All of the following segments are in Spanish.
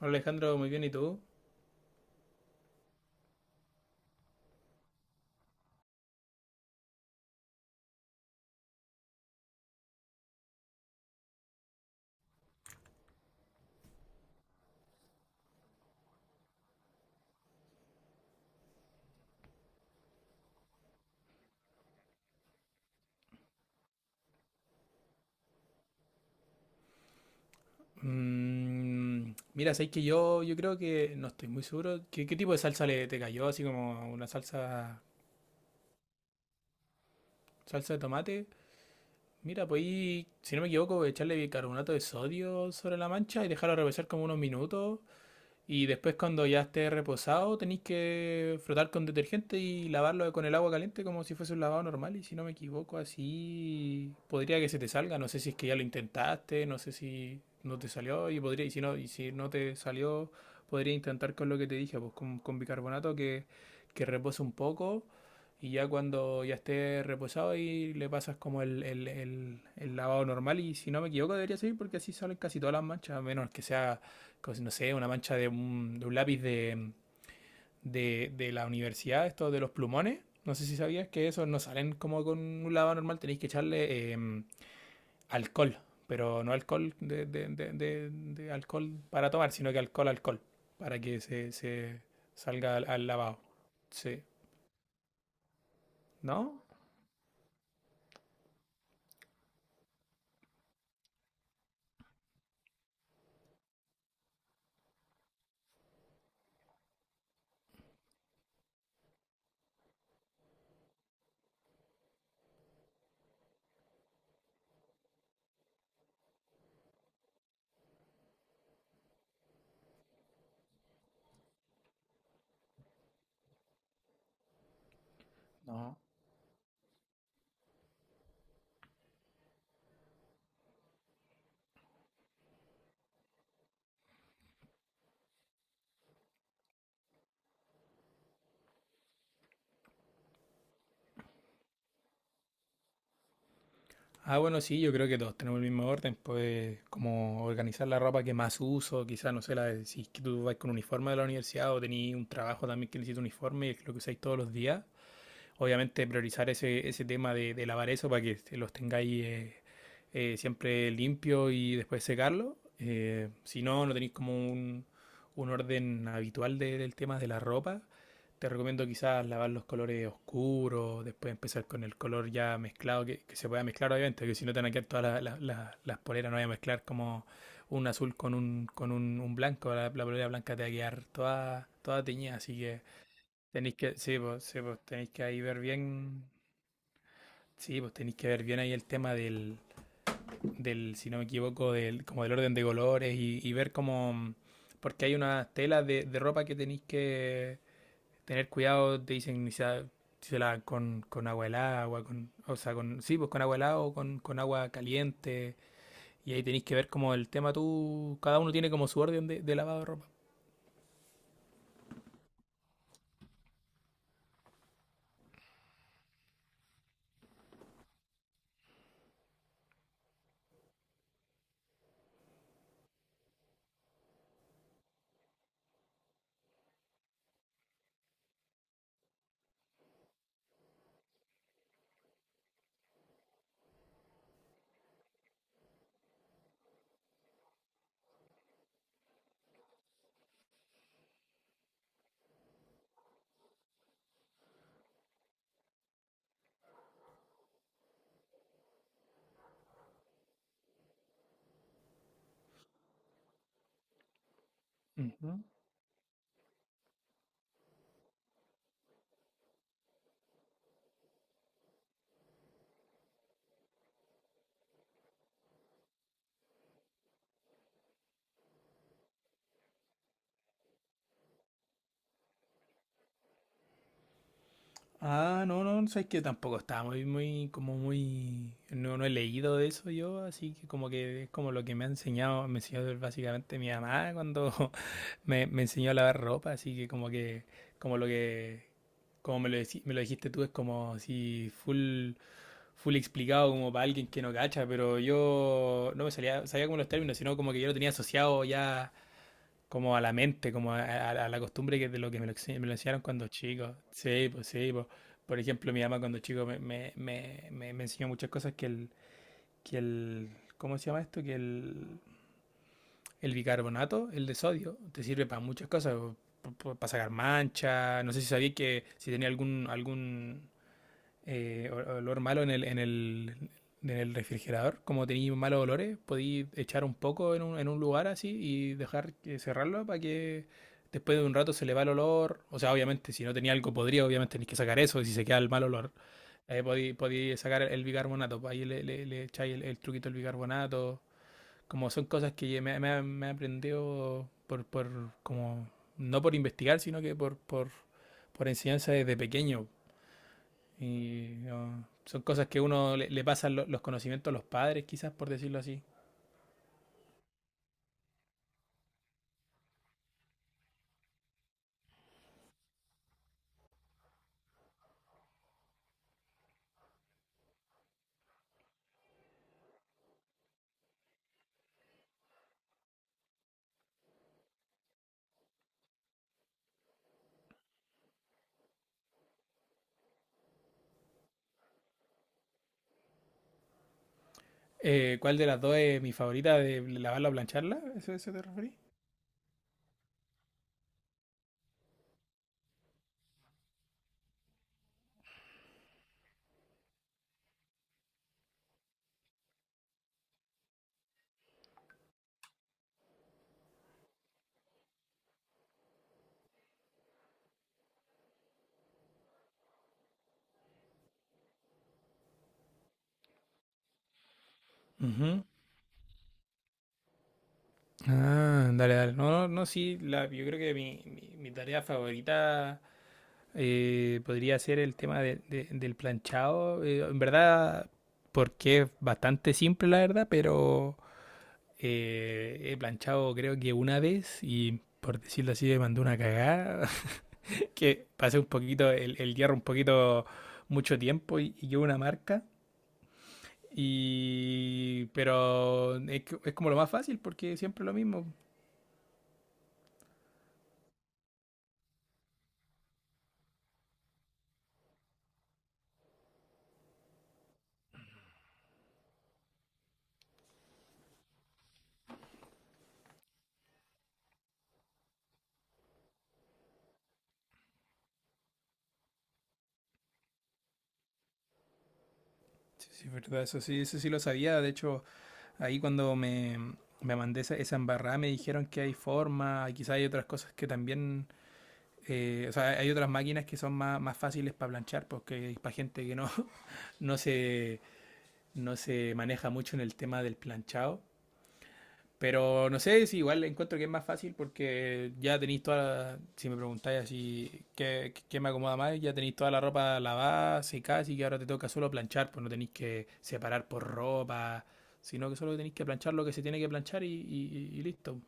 Hola Alejandro, muy bien, ¿y tú? Mm, mira, sabes que yo creo que no estoy muy seguro. ¿Qué tipo de salsa le te cayó? Así como una salsa, salsa de tomate. Mira, pues ahí, si no me equivoco, echarle bicarbonato de sodio sobre la mancha y dejarlo reposar como unos minutos. Y después cuando ya esté reposado tenéis que frotar con detergente y lavarlo con el agua caliente como si fuese un lavado normal. Y si no me equivoco, así podría que se te salga. No sé si es que ya lo intentaste, no sé si no te salió y podría, y si no te salió, podría intentar con lo que te dije, pues con bicarbonato que repose un poco. Y ya cuando ya esté reposado ahí le pasas como el lavado normal. Y si no me equivoco debería salir porque así salen casi todas las manchas, a menos que sea como, no sé, una mancha de un lápiz de, la universidad, esto de los plumones. No sé si sabías que esos no salen como con un lavado normal, tenéis que echarle alcohol, pero no alcohol de alcohol para tomar, sino que alcohol, alcohol, para que se salga al, al lavado. Sí, ¿no? No. Ah, bueno, sí, yo creo que todos tenemos el mismo orden, pues como organizar la ropa que más uso, quizás, no sé, la, de- si es que tú vas con uniforme de la universidad o tenés un trabajo también que necesita uniforme y es lo que usáis todos los días, obviamente priorizar ese, ese tema de lavar eso para que los tengáis siempre limpio y después secarlo. Si no, no tenéis como un orden habitual de- del tema de la ropa, te recomiendo quizás lavar los colores oscuros, después empezar con el color ya mezclado, que se pueda mezclar obviamente, que si no te van a quedar todas las poleras, no voy a mezclar como un azul con un blanco, la polera blanca te va a quedar toda, toda teñida, así que tenéis que, sí, pues, tenéis que ahí ver bien, sí, pues tenéis que ver bien ahí el tema del, del, si no me equivoco, del, como del orden de colores y ver cómo, porque hay unas telas de ropa que tenéis que tener cuidado, te dicen si la- si se lavan con agua helada, agua con, o sea, con, sí, pues con agua helada o con agua caliente, y ahí tenéis que ver como el tema tú, cada uno tiene como su orden de lavado de ropa. Ujú. Ah, no, no, no, sabes que tampoco estaba muy, muy, como muy, no, no he leído de eso yo, así que como que es como lo que me ha enseñado, me enseñó básicamente mi mamá cuando me enseñó a lavar ropa, así que, como lo que, como me lo, decí- me lo dijiste tú, es como si full, full explicado como para alguien que no cacha, pero yo no me salía, sabía como los términos, sino como que yo lo tenía asociado ya como a la mente, como a la costumbre que de lo que me lo, ense- me lo enseñaron cuando chico. Sí, pues sí, pues. Por ejemplo, mi mamá cuando chico me enseñó muchas cosas que el, ¿cómo se llama esto? El bicarbonato, el de sodio, te sirve para muchas cosas, para sacar manchas. No sé si sabía que si tenía algún, algún, olor malo en el, en el, en el refrigerador, como tenéis malos olores, podéis echar un poco en un lugar así y dejar que cerrarlo para que después de un rato se le va el olor. O sea, obviamente, si no tenía algo podría, obviamente tenéis que sacar eso, y si se queda el mal olor. Podéis sacar el bicarbonato, pues ahí le echáis el truquito del bicarbonato. Como son cosas que me he aprendido por, como, no por investigar, sino que por enseñanza desde pequeño. Y no, son cosas que uno le pasan lo- los conocimientos a los padres, quizás, por decirlo así. ¿Cuál de las dos es mi favorita, de lavarla o plancharla? ¿Eso te referís? Ujú. Ah, dale, dale. No, no, no, sí, la- yo creo que mi- mi tarea favorita podría ser el tema de- del planchado. En verdad, porque es bastante simple, la verdad, pero he planchado creo que una vez y por decirlo así me mandó una cagada. Que pasé un poquito el hierro un poquito mucho tiempo y llevo una marca. Y pero es, que- es como lo más fácil porque siempre lo mismo. Sí, sí, es verdad, eso sí lo sabía. De hecho, ahí cuando me mandé esa, esa embarrada me dijeron que hay forma quizás hay otras cosas que también, o sea, hay otras máquinas que son más, más fáciles para planchar, porque es para gente que no, no se, no se maneja mucho en el tema del planchado. Pero no sé si igual encuentro que es más fácil porque ya tenéis toda la- si me preguntáis así qué, qué me acomoda más, ya tenéis toda la ropa lavada, secada, así que ahora te toca solo planchar, pues no tenéis que separar por ropa, sino que solo tenéis que planchar lo que se tiene que planchar y listo.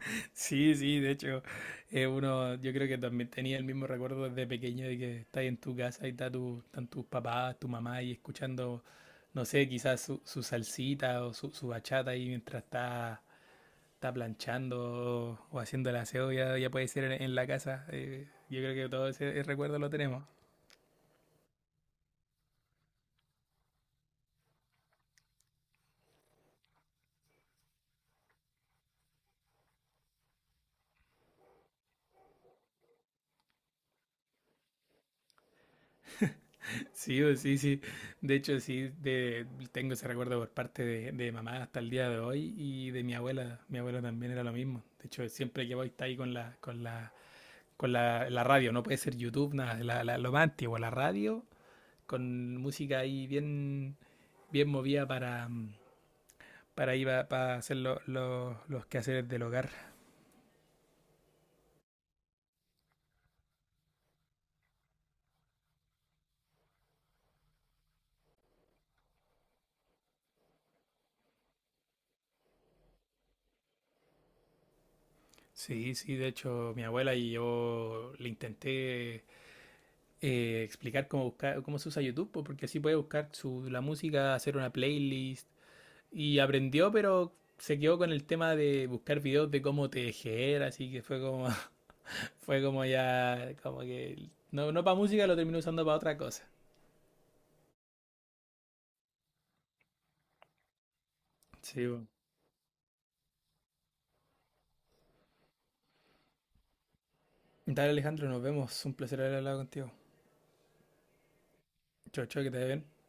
Sí, sí, de hecho, uno, yo creo que también tenía el mismo recuerdo desde pequeño de que estás en tu casa y está tu, están tus papás, tu mamá y escuchando, no sé, quizás su, su salsita o su bachata ahí mientras está planchando o haciendo el aseo, ya, ya puede ser en la casa. Yo creo que todo ese, ese recuerdo lo tenemos. Sí, o sí, sí. De hecho, sí, de- tengo ese recuerdo por parte de mamá hasta el día de hoy y de mi abuela. Mi abuela también era lo mismo. De hecho, siempre que voy está ahí con la, con la, con la, la radio. No puede ser YouTube, nada. La- lo más antiguo, la radio, con música ahí bien, bien movida para, ir a- para hacer lo- los quehaceres del hogar. Sí, sí, de hecho, mi abuela y yo le intenté explicar cómo buscar, cómo se usa YouTube, po, porque así puede buscar su, la música, hacer una playlist. Y aprendió, pero se quedó con el tema de buscar videos de cómo tejer, así que fue como, fue como ya, como que no, no para música, lo terminó usando para otra cosa. Sí, po. Dale Alejandro, nos vemos. Un placer haber hablado contigo. Chau, chau, que te vaya bien.